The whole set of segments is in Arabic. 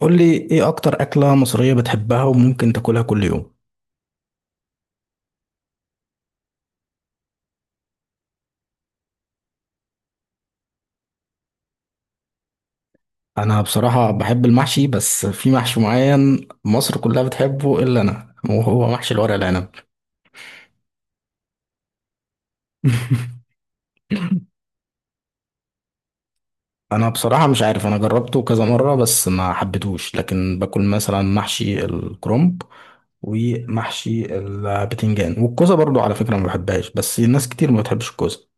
قول لي ايه اكتر اكلة مصرية بتحبها وممكن تاكلها كل يوم. انا بصراحة بحب المحشي، بس في محشي معين مصر كلها بتحبه الا انا، وهو محشي الورق العنب. انا بصراحة مش عارف، انا جربته كذا مرة بس ما حبيتهوش، لكن باكل مثلا محشي الكرنب ومحشي البتنجان، والكوسة برضو على فكرة ما بحبهاش بس الناس كتير ما بتحبش الكوسة.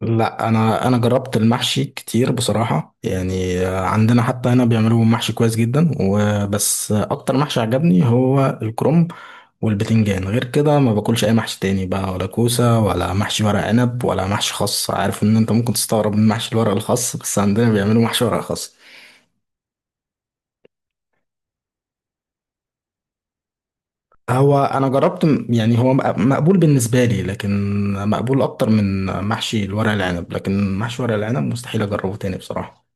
لا، انا جربت المحشي كتير بصراحه، يعني عندنا حتى هنا بيعملوا محشي كويس جدا، وبس اكتر محشي عجبني هو الكرنب والبتنجان. غير كده ما باكلش اي محشي تاني بقى، ولا كوسه ولا محشي ورق عنب ولا محشي خاص. عارف ان انت ممكن تستغرب من محشي الورق الخاص، بس عندنا بيعملوا محشي ورق خاص. هو انا يعني هو مقبول بالنسبه لي، لكن مقبول اكتر من محشي الورق العنب، لكن محشي ورق العنب مستحيل اجربه تاني بصراحه.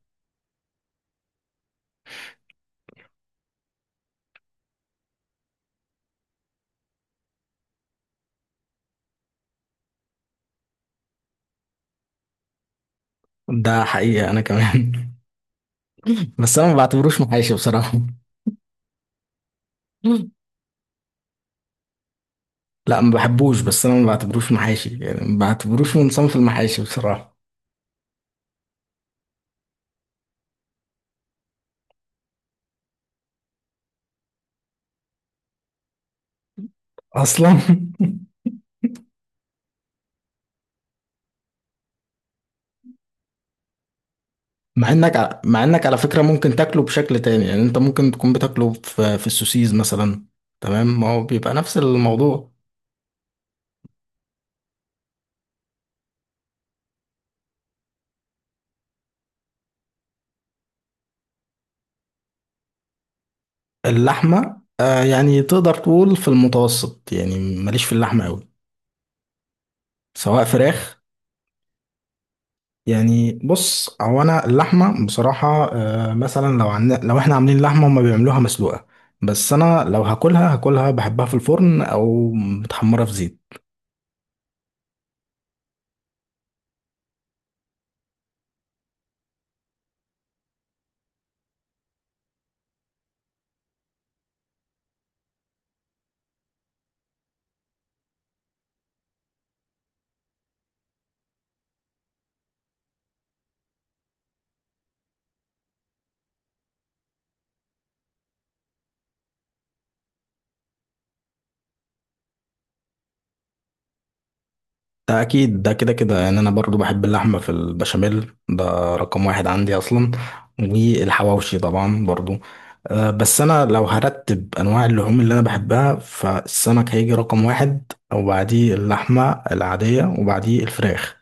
ده حقيقه انا كمان. بس انا ما بعتبروش محاشي بصراحة. لا، ما بحبوش، بس انا ما بعتبروش محاشي، يعني ما بعتبروش من صنف المحاشي بصراحة اصلا. مع مع انك على فكرة ممكن تاكله بشكل تاني، يعني انت ممكن تكون بتاكله في السوسيز مثلا. تمام، ما هو بيبقى نفس الموضوع. اللحمة آه، يعني تقدر تقول في المتوسط، يعني ماليش في اللحمة قوي. سواء فراخ، يعني بص، هو انا اللحمه بصراحه مثلا لو لو احنا عاملين لحمه هما بيعملوها مسلوقه، بس انا لو هاكلها هاكلها بحبها في الفرن او متحمره في زيت. ده اكيد، ده كده كده، يعني انا برضو بحب اللحمه في البشاميل، ده رقم واحد عندي اصلا، والحواوشي طبعا برضو. بس انا لو هرتب انواع اللحوم اللي انا بحبها، فالسمك هيجي رقم واحد، وبعديه اللحمه العاديه، وبعديه الفراخ.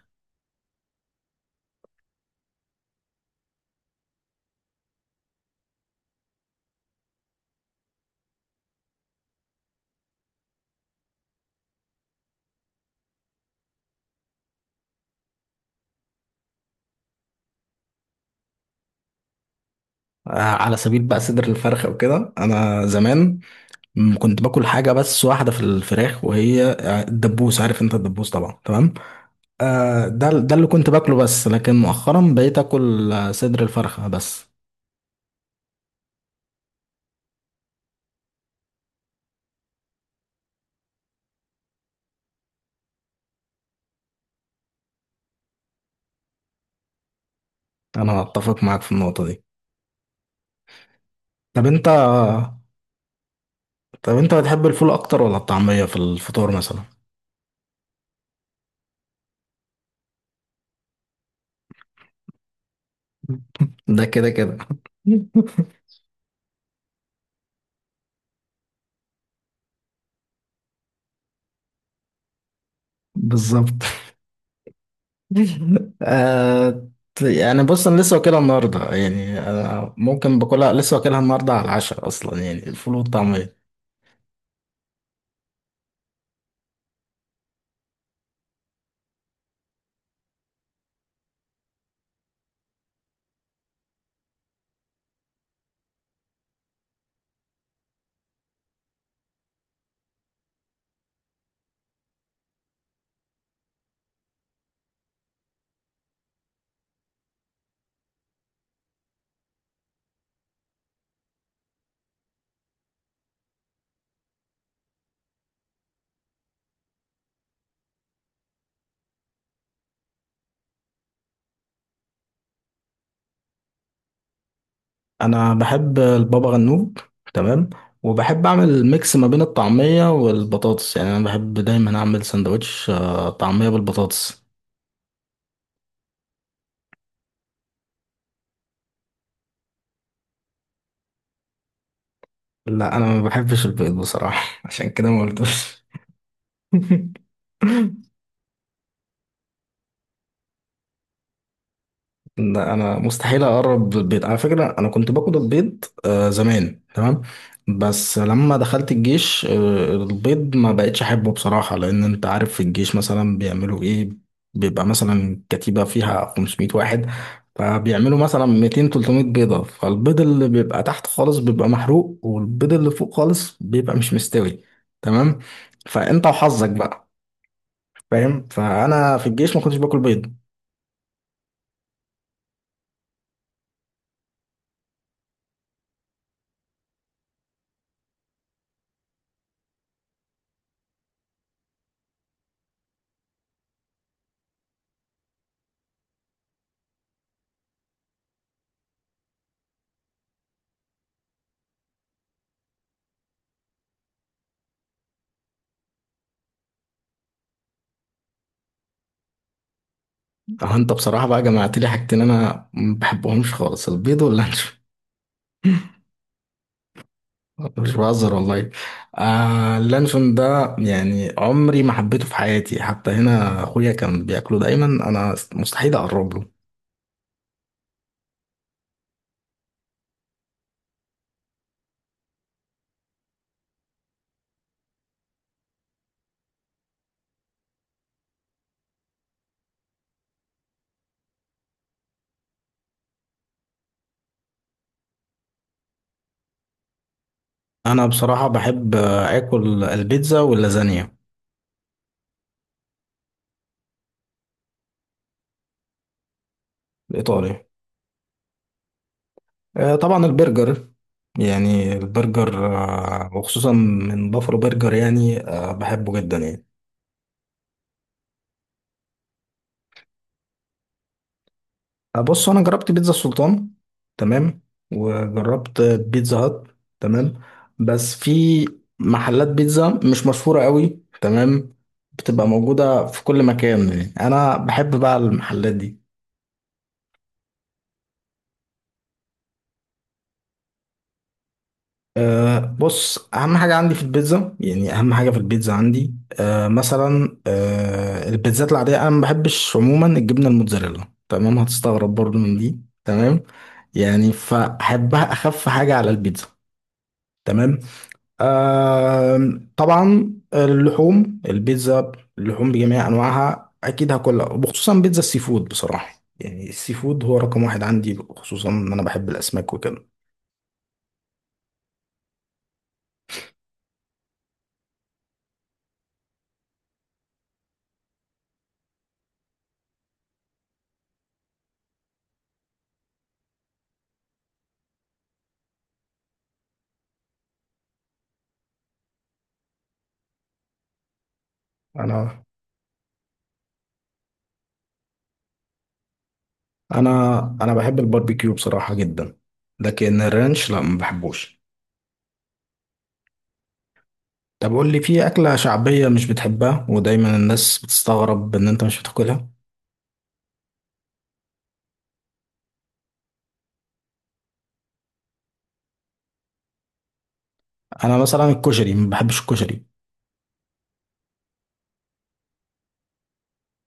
آه، على سبيل بقى صدر الفرخة وكده، أنا زمان كنت باكل حاجة بس واحدة في الفراخ وهي الدبوس، عارف أنت الدبوس طبعا، تمام. ده اللي كنت باكله بس، لكن مؤخرا بقيت آكل صدر الفرخة بس. أنا أتفق معاك في النقطة دي. طب أنت، طب أنت بتحب الفول أكتر ولا الطعمية في الفطور مثلا؟ ده كده كده. بالظبط. آه، يعني بص، انا لسه واكلها النهارده، يعني انا ممكن باكلها، لسه واكلها النهارده على العشاء اصلا، يعني الفول والطعميه. انا بحب البابا غنوج، تمام، وبحب اعمل ميكس ما بين الطعميه والبطاطس، يعني انا بحب دايما اعمل سندوتش طعميه بالبطاطس. لا، انا ما بحبش البيض بصراحه، عشان كده ما قلتوش. إن انا مستحيل اقرب بالبيض على فكره، انا كنت باكل البيض آه زمان، تمام، بس لما دخلت الجيش آه البيض ما بقتش احبه بصراحه، لان انت عارف في الجيش مثلا بيعملوا ايه؟ بيبقى مثلا كتيبه فيها 500 واحد، فبيعملوا مثلا 200 300 بيضه، فالبيض اللي بيبقى تحت خالص بيبقى محروق، والبيض اللي فوق خالص بيبقى مش مستوي، تمام، فانت وحظك بقى. فاهم، فانا في الجيش ما كنتش باكل بيض. اه، انت بصراحة بقى جمعت لي حاجتين انا ما بحبهمش خالص، البيض واللانشون. مش بهزر والله. آه اللانشون ده يعني عمري ما حبيته في حياتي، حتى هنا اخويا كان بياكله دايما، انا مستحيل اقرب له. انا بصراحة بحب اكل البيتزا واللازانيا. الايطالي آه، طبعا البرجر، يعني البرجر آه، وخصوصا من بافلو برجر، يعني آه بحبه جدا يعني. بص انا جربت بيتزا السلطان، تمام، وجربت بيتزا هات، تمام، بس في محلات بيتزا مش مشهورة قوي، تمام، بتبقى موجودة في كل مكان، يعني انا بحب بقى المحلات دي. أه بص، اهم حاجة عندي في البيتزا، يعني اهم حاجة في البيتزا عندي، أه مثلا أه البيتزات العادية انا ما بحبش عموما الجبنة الموتزاريلا، تمام، هتستغرب برضو من دي، تمام، يعني فاحبها اخف حاجة على البيتزا، تمام. طبعا اللحوم البيتزا، اللحوم بجميع انواعها اكيد هاكلها، وخصوصا بيتزا السي فود بصراحه، يعني السي فود هو رقم واحد عندي، خصوصا ان انا بحب الاسماك وكده. انا انا انا بحب الباربيكيو بصراحه جدا، لكن الرانش لا ما بحبوش. طب قول لي في اكله شعبيه مش بتحبها ودايما الناس بتستغرب ان انت مش بتاكلها؟ انا مثلا الكشري، ما بحبش الكشري.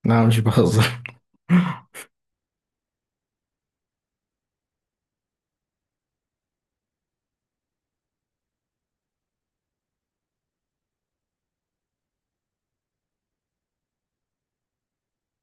لا مش بهزر.